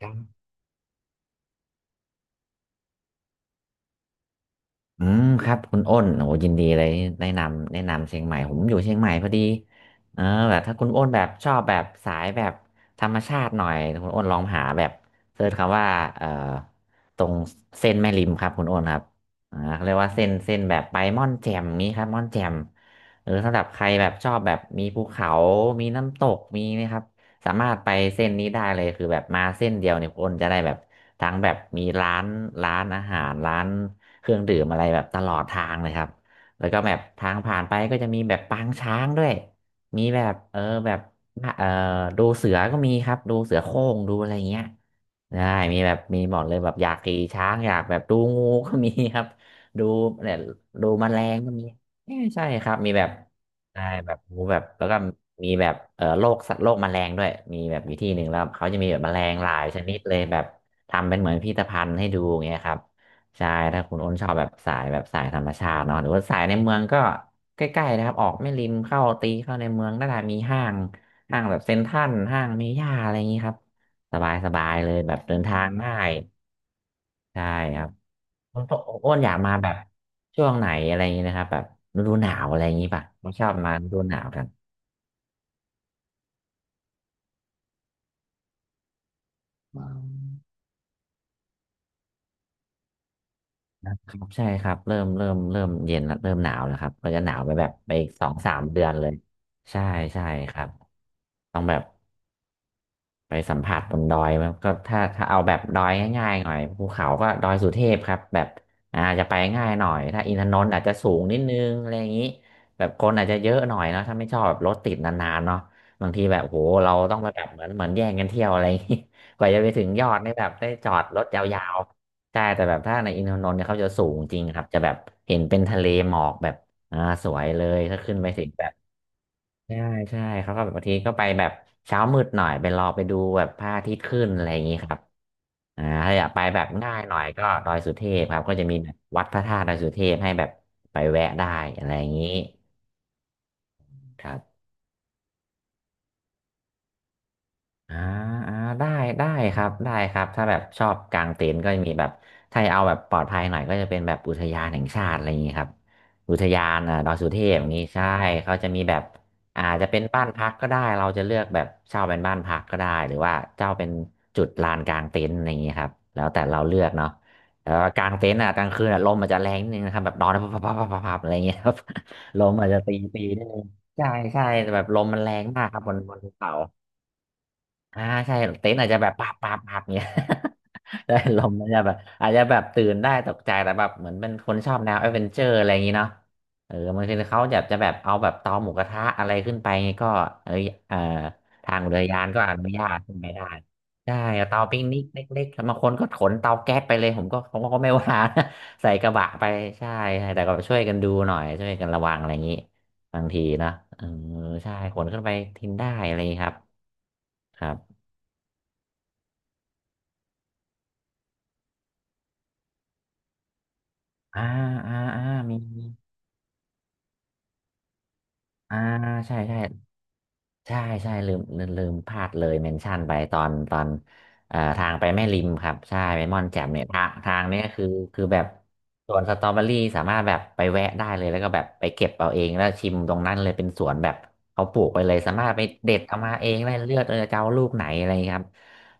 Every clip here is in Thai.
ครับอืมครับคุณอ้นโอ้ยินดีเลยแนะนำเชียงใหม่ผมอยู่เชียงใหม่พอดีเออแบบถ้าคุณอ้นแบบชอบแบบสายแบบธรรมชาติหน่อยคุณอ้นลองหาแบบเสิร์ชคำว่าเอ่อตรงเส้นแม่ริมครับคุณอ้นครับเขาเรียกว่าเส้นแบบไปม่อนแจ่มนี้ครับม่อนแจ่มสำหรับใครแบบชอบแบบมีภูเขามีน้ำตกมีนะครับสามารถไปเส้นนี้ได้เลยคือแบบมาเส้นเดียวเนี่ยคุณอ้นจะได้แบบทั้งแบบมีร้านอาหารร้าน เครื่องดื่มอะไรแบบตลอดทางเลยครับแล้วก็แบบทางผ่านไปก็จะมีแบบปางช้างด้วยมีแบบแบบเออดูเสือก็มีครับดูเสือโคร่งดูอะไรเงี้ยได้มีแบบมีหมดเลยแบบอยากขี่ช้างอยากแบบดูงูก็มีครับ ดูเนี่ยดูแมลงก็มีเอ้ยใช่ครับมีแบบได้แบบงูแบบแล้วก็มีแบบโรคสัตว์โรคแมลงด้วยมีแบบอยู่ที่หนึ่งแล้วเขาจะมีแบบแมลงหลายชนิดเลยแบบทำเป็นเหมือนพิพิธภัณฑ์ให้ดูอย่างเงี้ยครับ ใช่ถ้าคุณอ้นชอบแบบสายแบบสายธรรมชาติเนาะหรือว่าสายในเมืองก็ใกล้ๆนะครับออกไม่ริมเข้าตีเข้าในเมืองน่าจะมีห้างแบบเซ็นทรัลห้างเมย่าอะไรอย่างนี้ครับสบายๆเลยแบบเดินืทางง่ายใช่ครับคุณอ้นอยากมาแบบช่วงไหนอะไรอย่างนี้นะครับแบบฤดูหนาวอะไรอย่างนี้ป่ะผมชอบมาฤดูหนาวกันออครับใช่ครับเริ่มเย็นละเริ่มหนาวแล้วครับก็จะหนาวไปแบบไปอีกสองสามเดือนเลยใช่ใช่ครับต้องแบบ ไปสัมผัสบนดอยมันก็ถ้าเอาแบบดอยง่ายๆหน่อยภูเขาก็ดอยสุเทพครับแบบจะไปง่ายหน่อยถ้าอินทนนท์อาจจะสูงนิดนึงอะไรอย่างนี้แบบคนอาจจะเยอะหน่อยเนอะถ้าไม่ชอบแบบรถติดนานๆเนาะบางทีแบบโหเราต้องไปแบบเหมือนแย่งกันเที่ยวอะไรอย่างนี้ กว่าจะไปถึงยอดเนี่ยแบบได้จอดรถยาวๆใช่แต่แบบถ้าในอินทนนท์เนี่ยเขาจะสูงจริงครับจะแบบเห็นเป็นทะเลหมอกแบบอ่าสวยเลยถ้าขึ้นไปถึงแบบ ใช่ใช่เขาก็แบบบางทีก็ไปแบบเช้ามืดหน่อยไปรอไปดูแบบพระอาทิตย์ขึ้นอะไรอย่างนี้ครับถ้าอยากไปแบบง่ายหน่อยก็ดอยสุเทพครับก็จะมีแบบวัดพระธาตุดอยสุเทพให้แบบไปแวะได้อะไรอย่างนี้ครับ อ่าอ่าได้ได้ครับได้ครับถ้าแบบชอบกางเต็นท์ก็จะมีแบบถ้าจะเอาแบบปลอดภัยหน่อยก็จะเป็นแบบอุทยานแห่งชาติอะไรอย่างนี้ครับอุทยานดอยสุเทพอย่างนี้ใช่เขาจะมีแบบอาจจะเป็นบ้านพักก็ได้เราจะเลือกแบบเช่าเป็นบ้านพักก็ได้หรือว่าเช่าเป็นจุดลานกางเต็นท์อะไรอย่างนี้ครับแล้วแต่เราเลือกเนาะแต่ว่ากางเต็นท์อ่ะกลางคืนอ่ะลมมันจะแรงนิดนึงนะครับแบบนอนพับพับพับพับพับอะไรอย่างเงี้ยครับ ลมอาจจะตีตีนิดนึงใช่ใช่แต่แบบลมมันแรงมากครับบนภูเขา อ่าใช่เต็นท์อาจจะแบบปาบปาบปาบเนี้ย ได้ลมอาจจะแบบอาจจะแบบตื่นได้ตกใจแต่แบบเหมือนเป็นคนชอบแนวแอดเวนเจอร์อะไรอย่างนี้เนาะเออบางทีเขาจะแบบเอาแบบเตาหมูกระทะอะไรขึ้นไปก็เอยเอ่อทางเรือยานก็อนุญาตขึ้นไปได้ใช่เอาเตาปิงนิกเล็กๆบางคนก็ขนเตาแก๊สไปเลยผมก็ไม่ว่านะ ใส่กระบะไปใช่ใช่แต่ก็ช่วยกันดูหน่อยช่วยกันระวังอะไรอย่างนี้บางทีนะเออใช่ขนขึ้นไปทิ้งได้อะไรอย่างนี้ครับครับ อ่า อ่า อ่า มี อ่า ใช่ ใช่ ใช่ใช่ลืมพลาดเลยเมนชั่นไปตอนทางไปแม่ริมครับใช่ไปม่อนแจ่มเนี่ยทางเนี้ยคือแบบสวนสตรอเบอรี่สามารถแบบไปแวะได้เลยแล้วก็แบบไปเก็บเอาเองแล้วชิมตรงนั้นเลยเป็นสวนแบบเขาปลูกไปเลยสามารถไปเด็ดเอามาเองได้เลือกเออจะเอาลูกไหนอะไรอย่างเงี้ยครับ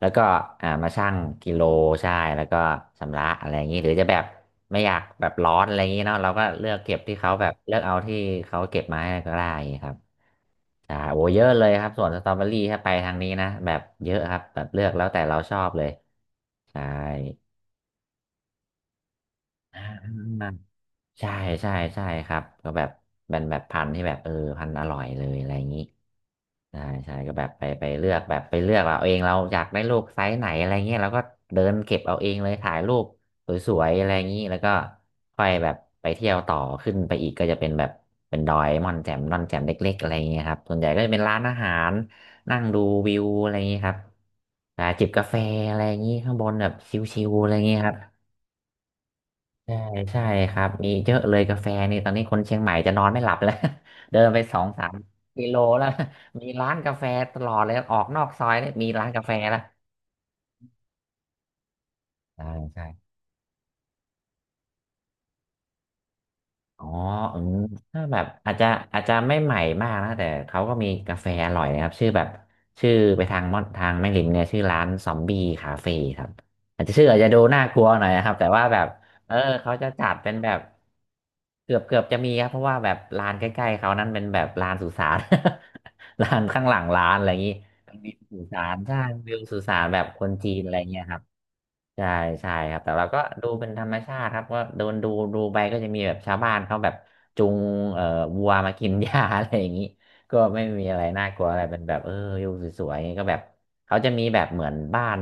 แล้วก็มาชั่งกิโลใช่แล้วก็ชำระอะไรอย่างนี้หรือจะแบบไม่อยากแบบร้อนอะไรอย่างนี้เนาะเราก็เลือกเก็บที่เขาแบบเลือกเอาที่เขาเก็บมาให้ก็ได้ครับ โอ้เยอะเลยครับส่วนสตรอเบอรี่ถ้าไปทางนี้นะแบบเยอะครับแบบเลือกแล้วแต่เราชอบเลยใช่อ่า ใช่ใช่ใช่ครับก็แบบเป็นแบบพันธุ์ที่แบบพันธุ์อร่อยเลยอะไรอย่างนี้ใช่ใช่ก็แบบไปเลือกแบบไปเลือกเอาเองเราอยากได้ลูกไซส์ไหนอะไรเงี้ยเราก็เดินเก็บเอาเองเลยถ่ายรูปสวยๆอะไรอย่างนี้แล้วก็ค่อยแบบไปเที่ยวต่อขึ้นไปอีกก็จะเป็นแบบเป็นดอยม่อนแจ่มม่อนแจ่มเล็กๆอะไรอย่างเงี้ยครับส่วนใหญ่ก็จะเป็นร้านอาหารนั่งดูวิวอะไรอย่างนี้ครับจิบกาแฟอะไรอย่างนี้ข้างบนแบบชิวๆอะไรอย่างนี้ครับ ใช่ใช่ครับมีเยอะเลยกาแฟนี่ตอนนี้คนเชียงใหม่จะนอนไม่หลับแล้ว เดินไปสองสามกิโลแล้ว มีร้านกาแฟตลอดเลยออกนอกซอยเนี่ยมีร้านกาแฟแล้วใช่ใช่ อ๋อเอมถ้าแบบอาจจะไม่ใหม่มากนะแต่เขาก็มีกาแฟอร่อยนะครับชื่อแบบชื่อไปทางม่อนทางแม่ริมเนี่ยชื่อร้านซอมบี้คาเฟ่ครับอาจจะชื่ออาจจะดูน่ากลัวหน่อยนะครับแต่ว่าแบบเออเขาจะจัดเป็นแบบเกือบจะมีครับเพราะว่าแบบร้านใกล้ๆเขานั้นเป็นแบบร้านสุสาน ร้านข้างหลังร้านอะไรอย่างนี้มีสุสานใช่วิวสุสานแบบคนจีนอะไรเงี้ยครับ ใช่ใช่ครับแต่ว่าก็ดูเป็นธรรมชาติครับก็โดนดูดูไปก็จะมีแบบชาวบ้านเขาแบบจูงเอ่อวัวมากินหญ้า อะไรอย่างนี้ก็ไม่มีอะไรน่ากลัวอะไรเป็นแบบอยู่สวยๆก็แบบเขาจะมีแบบเหมือนบ้าน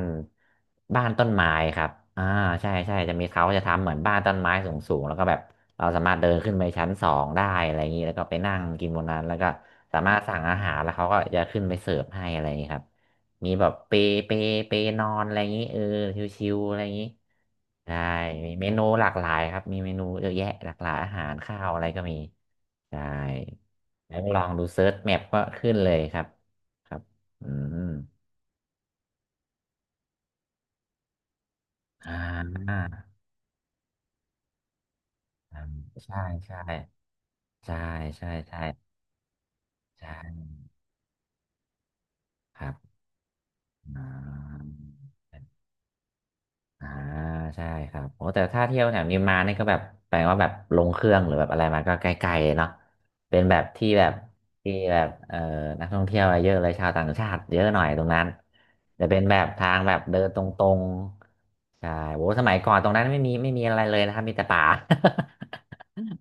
บ้านต้นไม้ครับอ่าใช่ใช่จะมีเขาจะทำเหมือนบ้านต้นไม้สูงๆแล้วก็แบบเราสามารถเดินขึ้นไปชั้นสองได้อะไรอย่างนี้แล้วก็ไปนั่งกินบนนั้นแล้วก็สามารถสั่งอาหารแล้วเขาก็จะขึ้นไปเสิร์ฟให้อะไรอย่างนี้ครับ มีแบบเปเปนอนอะไรอย่างนี้ชิวๆอะไรอย่างนี้ได้มีเมนูหลากหลายครับมีเมนูเยอะแยะหลากหลายอาหารข้าวอะไรก็มีได้แล้วลองดูเซิร์ชแมปก็ขึ้นเลยครับครับอืมอ่าอืมใช่ใช่ใช่ใช่ใช่ใช่ครับอ่า อ่าใช่ครับโอ้แต่ถ้าเที่ยวแถวนี้มานี่ก็แบบแปลว่าแบบลงเครื่องหรือแบบอะไรมาก็ใกล้ๆเนาะเป็นแบบที่แบบที่แบบนักท่องเที่ยวเยอะเลยชาวต่างชาติเยอะหน่อยตรงนั้นจะเป็นแบบทางแบบเดินตรงๆใช่โอ้สมัยก่อนตรงนั้นไม่มีอะไรเลยนะครับมีแต่ป่า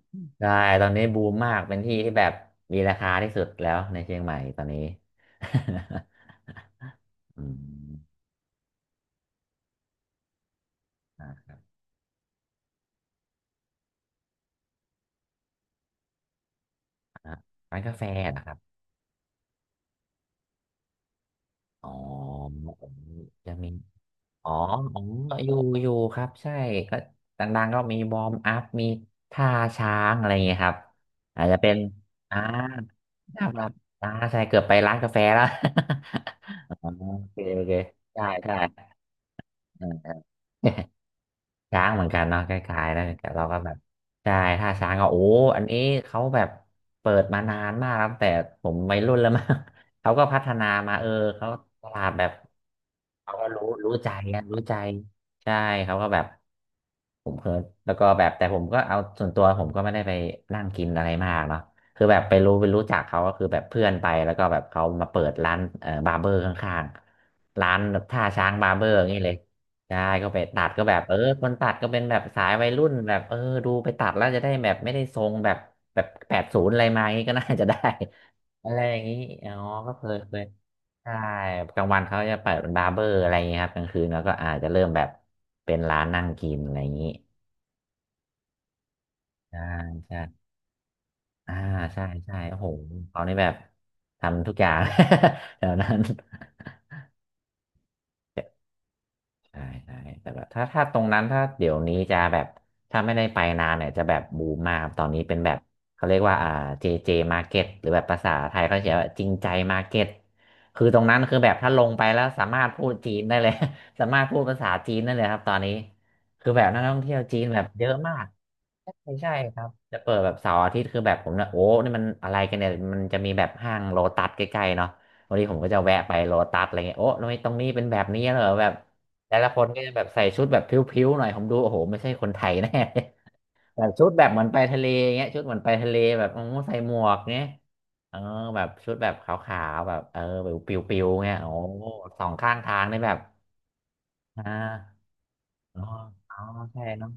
ใช่ตอนนี้บูมมากเป็นที่ที่แบบมีราคาที่สุดแล้วในเชียงใหม่ตอนนี้ อืมอ่าร้านกาแฟนะครับอ๋อผมจะมี อ๋ออ๋อ อยู่ อยู่ครับ ใช่ก็ดังๆก็มีวอร์มอัพ มีท่าช้างอะไรอย่างเงี้ยครับ อาจจะเป็นอ่าครับครับใช่ เกือบไปร้านกาแฟแล้ว อ๋อโอเคโอเคใช่ใช่ ช้างเหมือนกันเนาะคล้ายๆนะแต่เราก็แบบใช่ถ้าช้างก็โอ้อันนี้เขาแบบเปิดมานานมากแล้วตั้งแต่ผมวัยรุ่นแล้วมั้ง เขาก็พัฒนามาเขาตลาดแบบเขาก็รู้ใจนะรู้ใจใช่เขาก็แบบ ผมเพิ่แล้วก็แบบแต่ผมก็เอาส่วนตัวผมก็ไม่ได้ไปนั่งกินอะไรมากเนาะคือแบบไปรู้จักเขาก็คือแบบเพื่อนไปแล้วก็แบบเขามาเปิดร้านบาร์เบอร์ข้างๆร้านแบบท่าช้างบาร์เบอร์อย่างนี้เลยใช่ก็ไปตัดก็แบบคนตัดก็เป็นแบบสายวัยรุ่นแบบดูไปตัดแล้วจะได้แบบไม่ได้ทรงแบบแบบแปดศูนย์อะไรมาอย่างนี้ก็น่าจะได้ อะไรอย่างนี้อ๋อก็เคยใช่กลางวันเขาจะเปิดเป็นบาร์เบอร์อะไรอย่างเงี้ยครับกลางคืนแล้วก็อาจจะเริ่มแบบเป็นร้านนั่งกินอะไรอย่างงี้ ใช่ใช่อ่าใช่ใช่โอ้โหเขานี่แบบทำทุกอย่าง แถวนั้นใช่ใช่แต่แบบถ้าตรงนั้นถ้าเดี๋ยวนี้จะแบบถ้าไม่ได้ไปนานเนี่ยจะแบบบูมมากครับตอนนี้เป็นแบบเขาเรียกว่าJJ Market หรือแบบภาษาไทยเขาเขียนว่าจริงใจ Market คือตรงนั้นคือแบบถ้าลงไปแล้วสามารถพูดจีนได้เลย สามารถพูดภาษาจีนได้เลยครับตอนนี้คือแบบนักท่องเที่ยวจีนแบบเยอะมาก ไม่ใช่ครับจะเปิดแบบเสาร์อาทิตย์คือแบบผมนะโอ้นี่มันอะไรกันเนี่ยมันจะมีแบบห้างโลตัสใกล้ๆเนาะวันนี้ผมก็จะแวะไปโลตัสอะไรเงี้ยโอ้ทำไมตรงนี้เป็นแบบนี้เหรอแบบแต่ละคนก็จะแบบใส่ชุดแบบผิวๆหน่อยผมดูโอ้โหไม่ใช่คนไทยแน่ แบบชุดแบบเหมือนไปทะเลเงี้ยชุดเหมือนไปทะเลแบบโอ้ใส่หมวกเงี้ยเออแบบชุดแบบขาวๆแบบเออแบบปิวๆเงี้ยโอ้สองข้างทางนี่แบบอ่าอ๋ออ๋อใช่เนาะ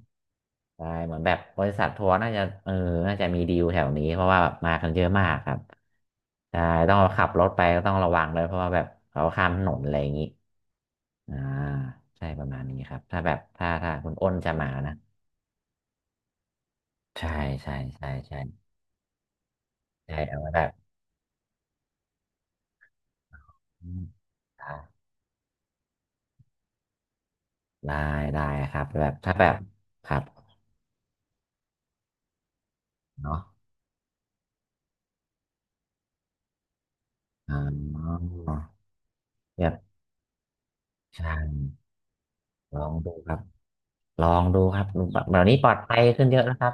ใช่เหมือนแบบบริษัททัวร์น่าจะเออน่าจะมีดีลแถวนี้เพราะว่าแบบมากันเยอะมากครับใช่ต้องขับรถไปก็ต้องระวังเลยเพราะว่าแบบเขาข้ามถนนอะไรอย่างนี้อ่าใช่ประมาณนี้ครับถ้าแบบถ้าคุณอ้นจะมานะใช่ใช่ใช่ใช่ใช่เอาไว้แบบอืมได้ได้ครับแบบถ้าแบบครับเนาะอ๋อแบบใช่ลองดูครับ ลองดูครับดูแบบเดี๋ยวนี้ปลอดภัยขึ้นเยอะแล้วครับ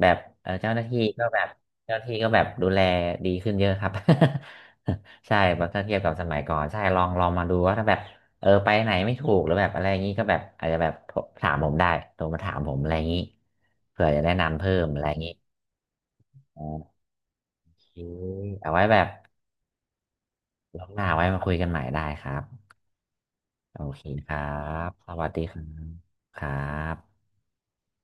แบบเจ้าหน้าที่ก็แบบเจ้าหน้าที่ก็แบบดูแลดีขึ้นเยอะครับ ใช่แบบถ้าเทียบกับสมัยก่อนใช่ลองมาดูว่าถ้าแบบเออไปไหนไม่ถูกหรือแบบอะไรอย่างนี้ก็แบบอาจจะแบบถามผมได้โทรมาถามผมอะไรอย่างนี้เผื่อจะแนะนำเพิ่มอะไรอย่างนี้โอเคเอาไว้แบบรอบหน้าไว้มาคุยกันใหม่ได้ครับโอเคครับสวัสดีครับครับ